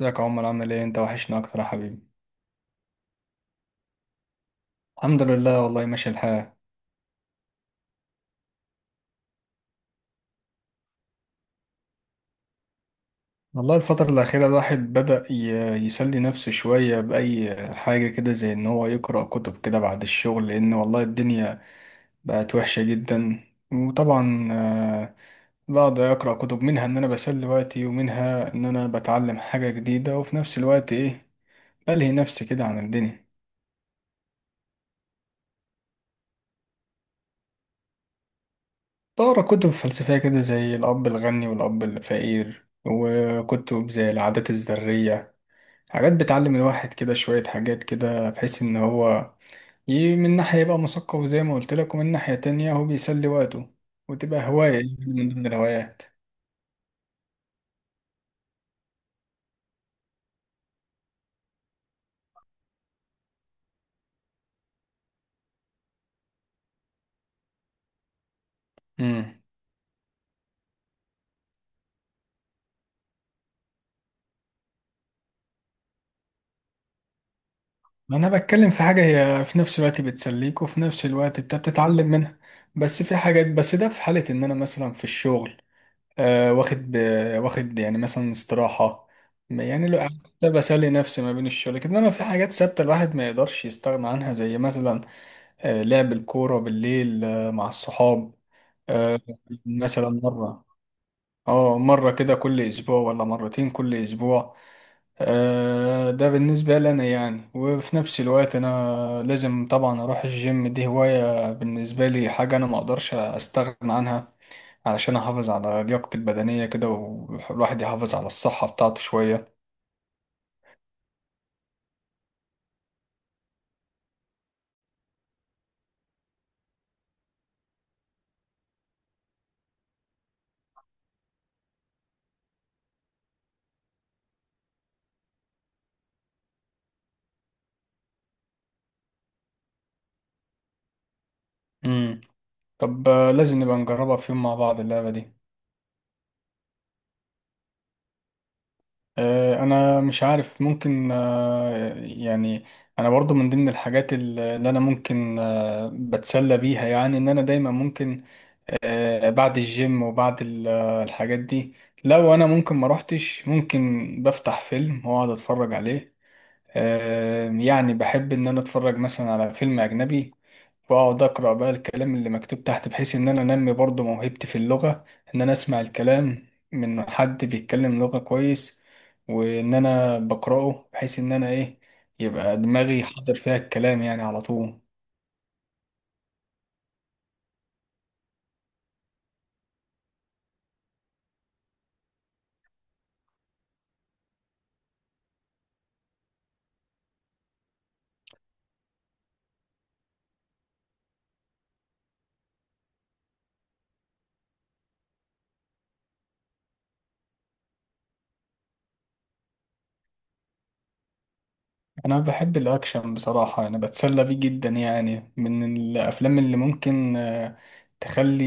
ازيك يا عمر، عامل ايه انت؟ وحشنا اكتر يا حبيبي. الحمد لله، والله ماشي الحال. والله الفترة الأخيرة الواحد بدأ يسلي نفسه شوية بأي حاجة كده، زي إن هو يقرأ كتب كده بعد الشغل، لأن والله الدنيا بقت وحشة جدا. وطبعا بقعد أقرأ كتب، منها إن أنا بسلي وقتي ومنها إن أنا بتعلم حاجة جديدة، وفي نفس الوقت إيه، بلهي نفسي كده عن الدنيا. بقرأ كتب فلسفية كده زي الأب الغني والأب الفقير، وكتب زي العادات الذرية. حاجات بتعلم الواحد كده شوية حاجات، كده بحيث إن هو من ناحية يبقى مثقف زي ما قلت لك، ومن ناحية تانية هو بيسلي وقته، وتبقى هواية يعني من ضمن الهوايات. امم. ما أنا بتكلم في حاجة هي في نفس الوقت بتسليك، وفي نفس الوقت أنت بتتعلم منها. بس في حاجات، بس ده في حالة إن أنا مثلا في الشغل آه واخد ب... واخد يعني مثلا استراحة. يعني لو قعدت بسلي نفسي ما بين الشغل كده، إنما في حاجات ثابتة الواحد ما يقدرش يستغنى عنها، زي مثلا لعب الكورة بالليل مع الصحاب. آه، مثلا مرة كده كل أسبوع، ولا مرتين كل أسبوع. ده بالنسبة لنا يعني. وفي نفس الوقت أنا لازم طبعا أروح الجيم، دي هواية بالنسبة لي، حاجة أنا مقدرش أستغنى عنها علشان أحافظ على لياقتي البدنية كده، والواحد يحافظ على الصحة بتاعته شوية. مم. طب لازم نبقى نجربها في يوم مع بعض اللعبة دي. انا مش عارف ممكن يعني، انا برضو من ضمن الحاجات اللي انا ممكن بتسلى بيها، يعني ان انا دايما ممكن بعد الجيم وبعد الحاجات دي. لو انا ممكن ما روحتش، ممكن بفتح فيلم واقعد اتفرج عليه. يعني بحب ان انا اتفرج مثلا على فيلم اجنبي، واقعد اقرا بقى الكلام اللي مكتوب تحت، بحيث ان انا انمي برضو موهبتي في اللغه، ان انا اسمع الكلام من حد بيتكلم لغه كويس، وان انا بقراه بحيث ان انا ايه، يبقى دماغي حاضر فيها الكلام يعني على طول. انا بحب الاكشن بصراحه، انا بتسلى بيه جدا، يعني من الافلام اللي ممكن تخلي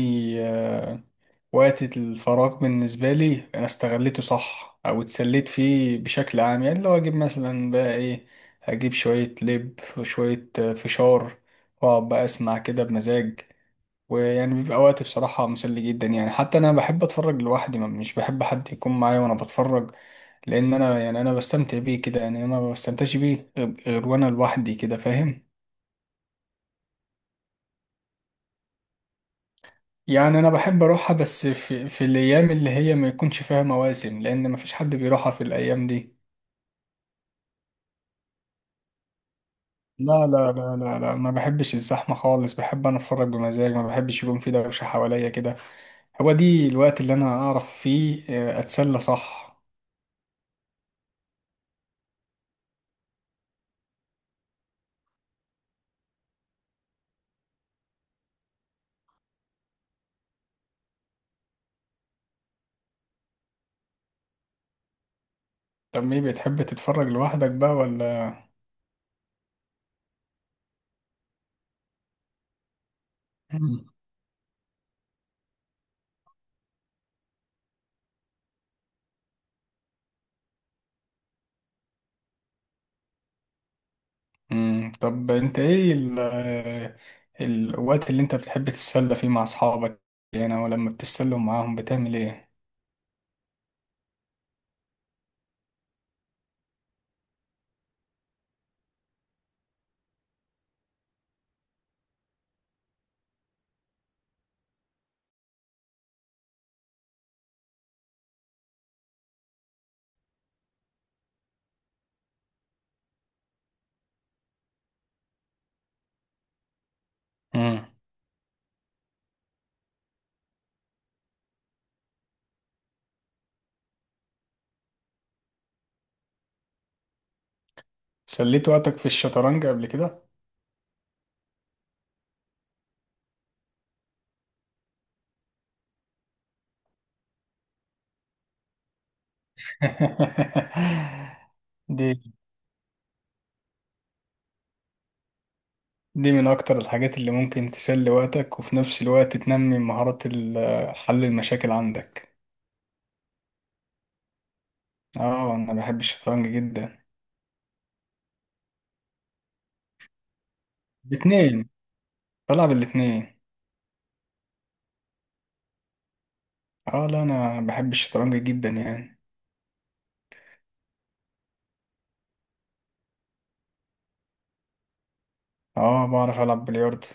آه، وقت الفراغ بالنسبة لي أنا استغليته صح، أو اتسليت فيه بشكل عام. يعني لو أجيب مثلا بقى إيه، أجيب شوية لب وشوية فشار، وأقعد بقى أسمع كده بمزاج، ويعني بيبقى وقت بصراحة مسلي جدا. يعني حتى أنا بحب أتفرج لوحدي، ما مش بحب حد يكون معايا وأنا بتفرج، لأن أنا يعني أنا بستمتع بيه كده، يعني أنا ما بستمتعش بيه غير وأنا لوحدي كده، فاهم. يعني انا بحب اروحها، بس في الايام اللي هي ما يكونش فيها مواسم، لان ما فيش حد بيروحها في الايام دي. لا، لا، لا، لا، لا، ما بحبش الزحمة خالص. بحب أنا أتفرج بمزاج، ما بحبش يكون في دوشة حواليا كده. هو دي الوقت اللي أنا أعرف فيه أتسلى صح. طب إيه، بتحب تتفرج لوحدك بقى ولا؟ مم. مم. طب أنت إيه الوقت اللي أنت بتحب تتسلى فيه مع أصحابك، يعني أو لما بتتسلوا معاهم بتعمل إيه؟ مم. سليت وقتك في الشطرنج قبل كده؟ دي دي من أكتر الحاجات اللي ممكن تسلي وقتك، وفي نفس الوقت تنمي مهارات حل المشاكل عندك. اه، أنا بحب الشطرنج جدا. الاتنين. بلعب الاتنين. اه، لا، أنا بحب الشطرنج جدا يعني. اه، بعرف ألعب بلياردو.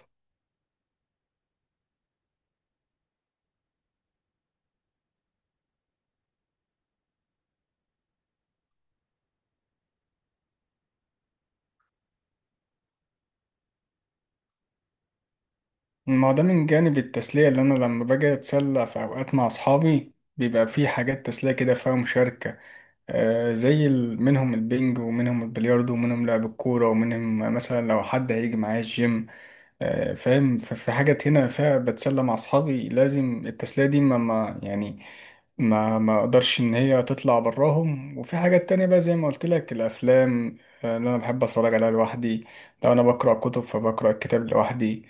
ما هو ده من جانب التسلية، اللي أنا لما باجي أتسلى في أوقات مع أصحابي بيبقى في حاجات تسلية كده فيها مشاركة. زي منهم البنج، ومنهم البلياردو، ومنهم لعب الكورة، ومنهم مثلا لو حد هيجي معايا الجيم. فاهم. في حاجات هنا فيها بتسلى مع اصحابي لازم التسلية دي ما يعني ما اقدرش ان هي تطلع براهم. وفي حاجات تانية بقى، زي ما قلت لك، الافلام اللي انا بحب اتفرج عليها لوحدي. لو انا بقرا كتب فبقرا الكتاب لوحدي.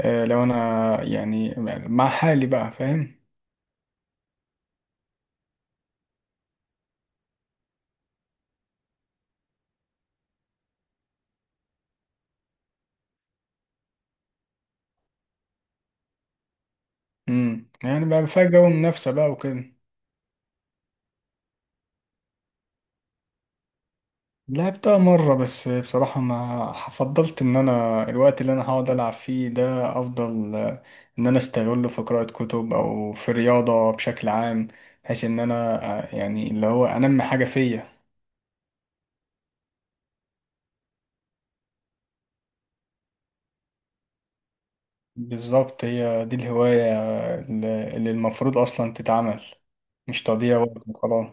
لو انا يعني مع حالي بقى، فاهم. يعني بقى فيها جو منافسة بقى وكده. لعبتها مرة، بس بصراحة ما فضلت. إن أنا الوقت اللي أنا هقعد ألعب فيه ده، أفضل إن أنا أستغله في قراءة كتب أو في رياضة بشكل عام، بحيث إن أنا يعني اللي هو أنمي حاجة فيا. بالظبط، هي دي الهواية اللي المفروض أصلا تتعمل، مش تضييع وقت وخلاص.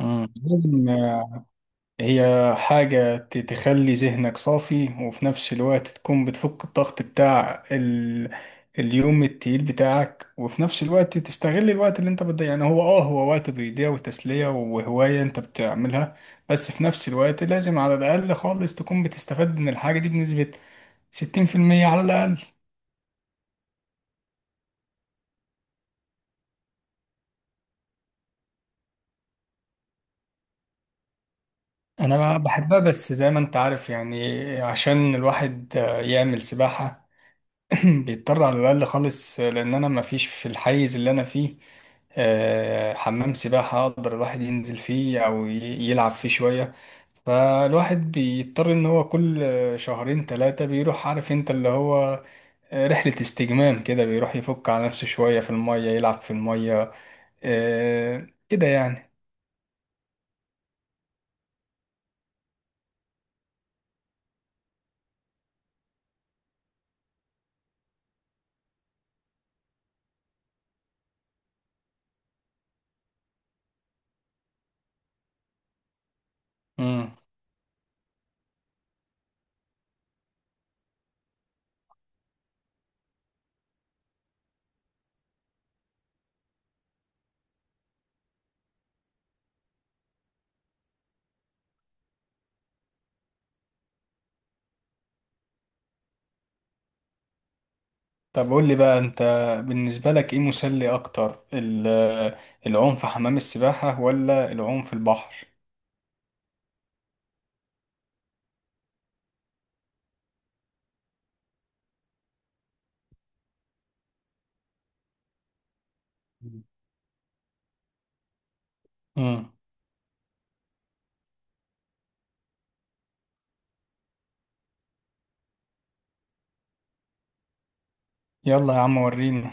مم. لازم، هي حاجة تخلي ذهنك صافي، وفي نفس الوقت تكون بتفك الضغط بتاع اليوم التقيل بتاعك، وفي نفس الوقت تستغل الوقت اللي انت بتضيع. يعني هو وقت بيضيع، وتسلية وهواية انت بتعملها. بس في نفس الوقت لازم على الأقل خالص تكون بتستفاد من الحاجة دي بنسبة 60% على الأقل. أنا بحبها، بس زي ما أنت عارف، يعني عشان الواحد يعمل سباحة بيضطر على الأقل خالص، لأن أنا مفيش في الحيز اللي أنا فيه حمام سباحة أقدر الواحد ينزل فيه أو يلعب فيه شوية. فالواحد بيضطر إن هو كل شهرين تلاتة بيروح، عارف أنت، اللي هو رحلة استجمام كده، بيروح يفك على نفسه شوية في المية، يلعب في المية كده يعني. مم. طب قول لي بقى أنت، بالنسبة لك إيه مسلي أكتر، العوم في حمام السباحة ولا العوم في البحر؟ مم. يلا يا عم وريني.